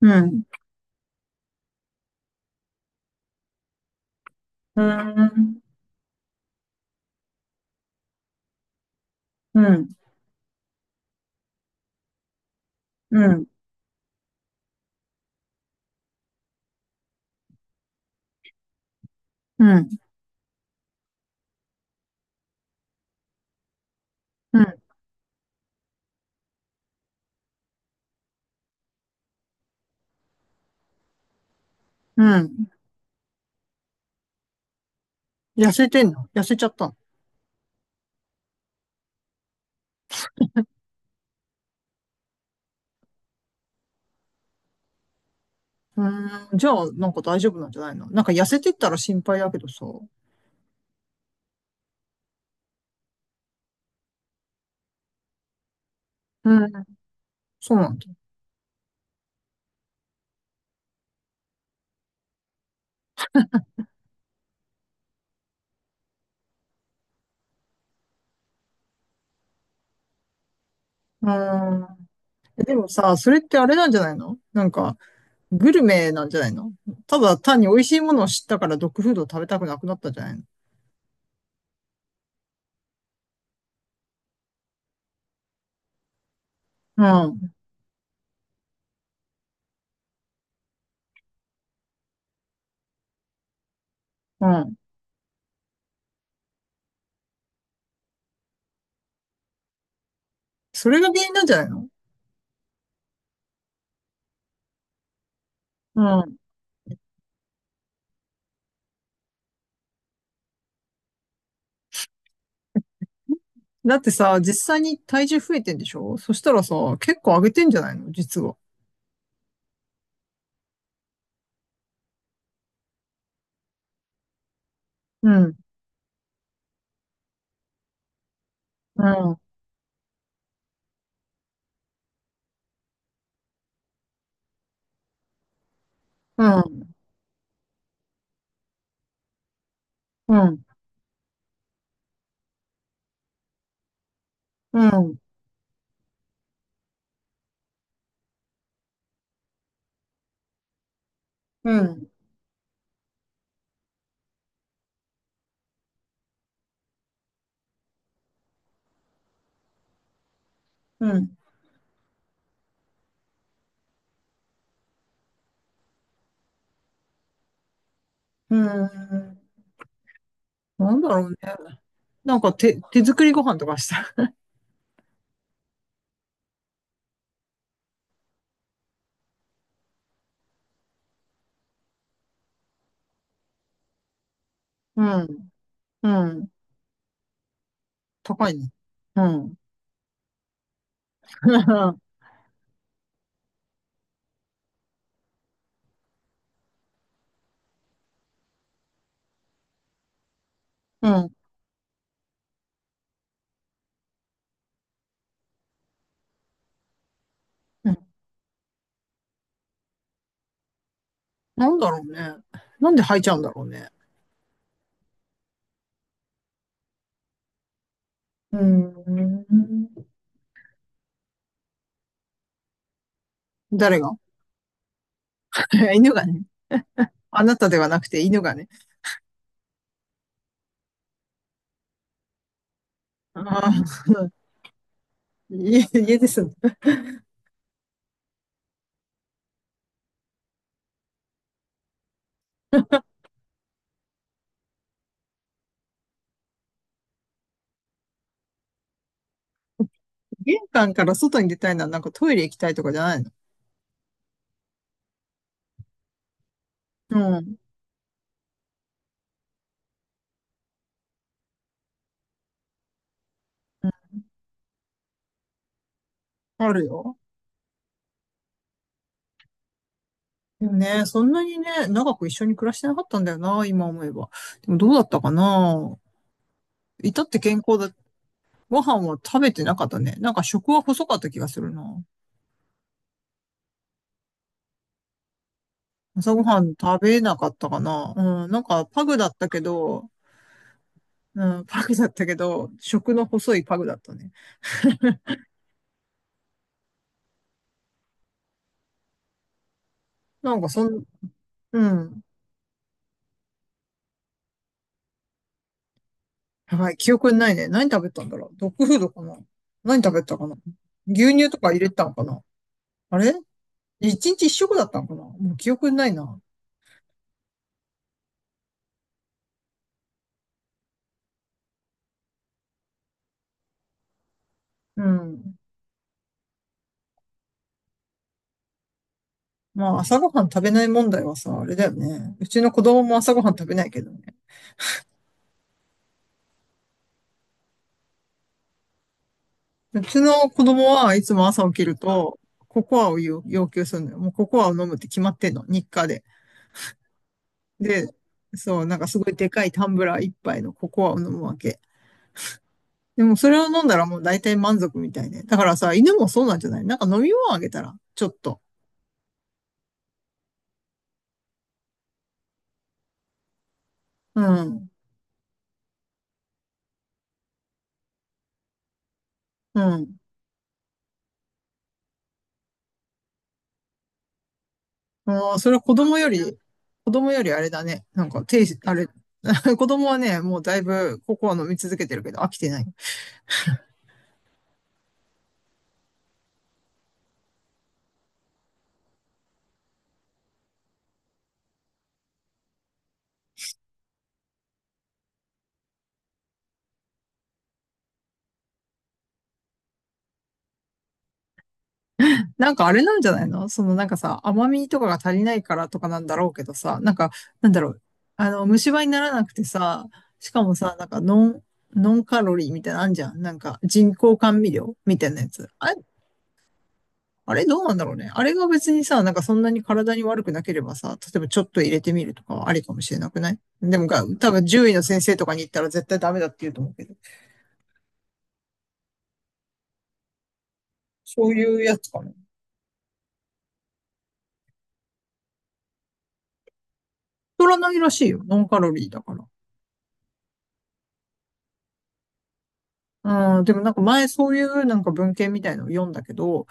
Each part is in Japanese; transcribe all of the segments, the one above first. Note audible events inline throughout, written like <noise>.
うん。うーん。うん。うん。うん。うん。うん。痩せてんの？痩せちゃったの？うーん。じゃあ、なんか大丈夫なんじゃないの？なんか痩せてったら心配だけどさ。うん。そうなんだ。うーん。でもさ、それってあれなんじゃないの？なんか、グルメなんじゃないの？ただ単に美味しいものを知ったからドッグフードを食べたくなくなったんじゃないの？うん。うん。それが原因なんじゃないの？うん。だってさ、実際に体重増えてんでしょ？そしたらさ、結構上げてんじゃないの実は。うん。うん。うん、うん、うん、うん、うん、うん。なんだろうね。なんか手作りご飯とかした？うん、うん。高いね。うん。<laughs> うん、うん。なんだろうね。なんで吐いちゃうんだろうね。うん。誰が？ <laughs> 犬がね。あなたではなくて犬がね。あー <laughs> 家です。玄関から外に出たいのはなんかトイレ行きたいとかじゃないの？うん。うん。あるよ。でもね、そんなにね、長く一緒に暮らしてなかったんだよな、今思えば。でもどうだったかな。いたって健康だ。ご飯は食べてなかったね。なんか食は細かった気がするな。朝ごはん食べなかったかな。うん、なんかパグだったけど、うん、パグだったけど、食の細いパグだったね。なんかそん、うん。やばい、記憶にないね。何食べたんだろう。ドッグフードかな。何食べたかな。牛乳とか入れたのかな。あれ？一日一食だったのかな。もう記憶にないな。うん。まあ、朝ごはん食べない問題はさ、あれだよね。うちの子供も朝ごはん食べないけどね。うちの子供はいつも朝起きると、ココアを要求するのよ。もうココアを飲むって決まってんの、日課で。で、そう、なんかすごいでかいタンブラー一杯のココアを飲むわけ。でもそれを飲んだらもう大体満足みたいね。だからさ、犬もそうなんじゃない？なんか飲み物あげたら、ちょっと。うん。うん。もうそれは子供よりあれだね。なんか、手、あれ、<laughs> 子供はね、もうだいぶココア飲み続けてるけど飽きてない。なんかあれなんじゃないの？そのなんかさ、甘みとかが足りないからとかなんだろうけどさ、なんか、なんだろう。あの、虫歯にならなくてさ、しかもさ、なんかノンカロリーみたいなのあんじゃん。なんか人工甘味料みたいなやつ。あれどうなんだろうね。あれが別にさ、なんかそんなに体に悪くなければさ、例えばちょっと入れてみるとかはありかもしれなくないでもが、多分獣医の先生とかに行ったら絶対ダメだって言うと思うけど。そういうやつかな。太らないらしいよ。ノンカロリーだから。うん、でもなんか前そういうなんか文献みたいのを読んだけど、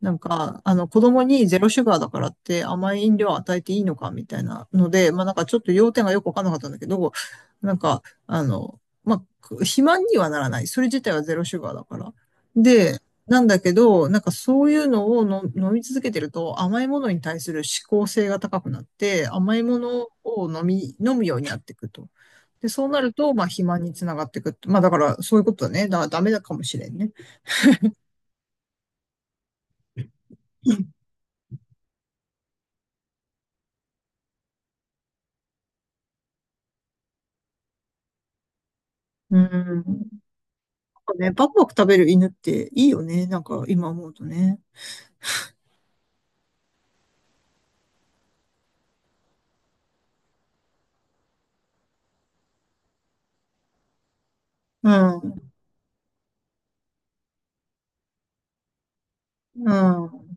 なんか、あの子供にゼロシュガーだからって甘い飲料を与えていいのかみたいなので、まあなんかちょっと要点がよくわかんなかったんだけど、なんか、あの、まあ、肥満にはならない。それ自体はゼロシュガーだから。で、なんだけど、なんかそういうのをの飲み続けてると甘いものに対する嗜好性が高くなって、甘いものを飲むようになっていくと。で、そうなると、まあ、肥満につながっていくって。まあ、だから、そういうことだね。だから、ダメだかもしれんね。うん。なんかね、バクバク食べる犬っていいよね。なんか、今思うとね。うん。うん。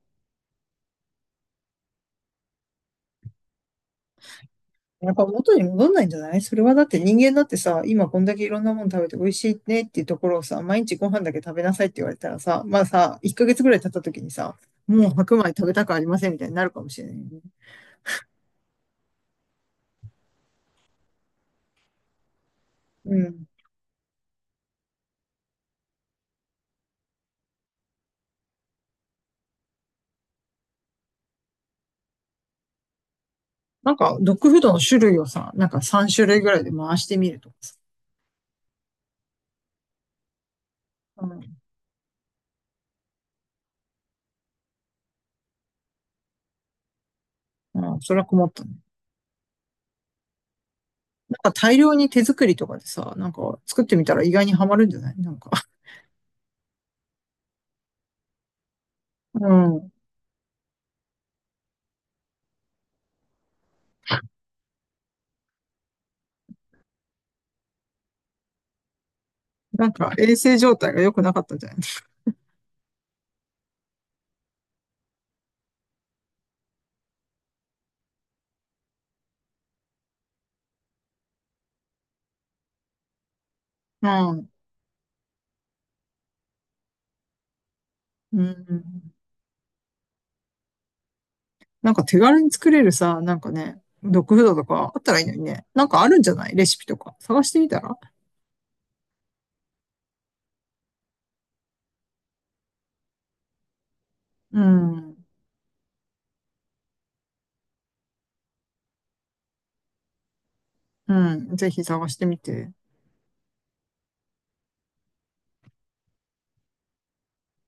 やっぱ元に戻んないんじゃない？それはだって人間だってさ、今こんだけいろんなもの食べて美味しいねっていうところをさ、毎日ご飯だけ食べなさいって言われたらさ、まあさ、1ヶ月ぐらい経った時にさ、もう白米食べたくありませんみたいになるかもしれないよね。うん。なんか、ドッグフードの種類をさ、なんか3種類ぐらいで回してみるとかさ。うん。ああ、それは困ったね。なんか大量に手作りとかでさ、なんか作ってみたら意外にはまるんじゃない？なんか。<laughs> うん。なんか衛生状態が良くなかったんじゃない？ <laughs> うん。うん。なんか手軽に作れるさ、なんかね、ドッグフードとかあったらいいのにね。なんかあるんじゃない？レシピとか。探してみたら？うん。うん。ぜひ探してみて。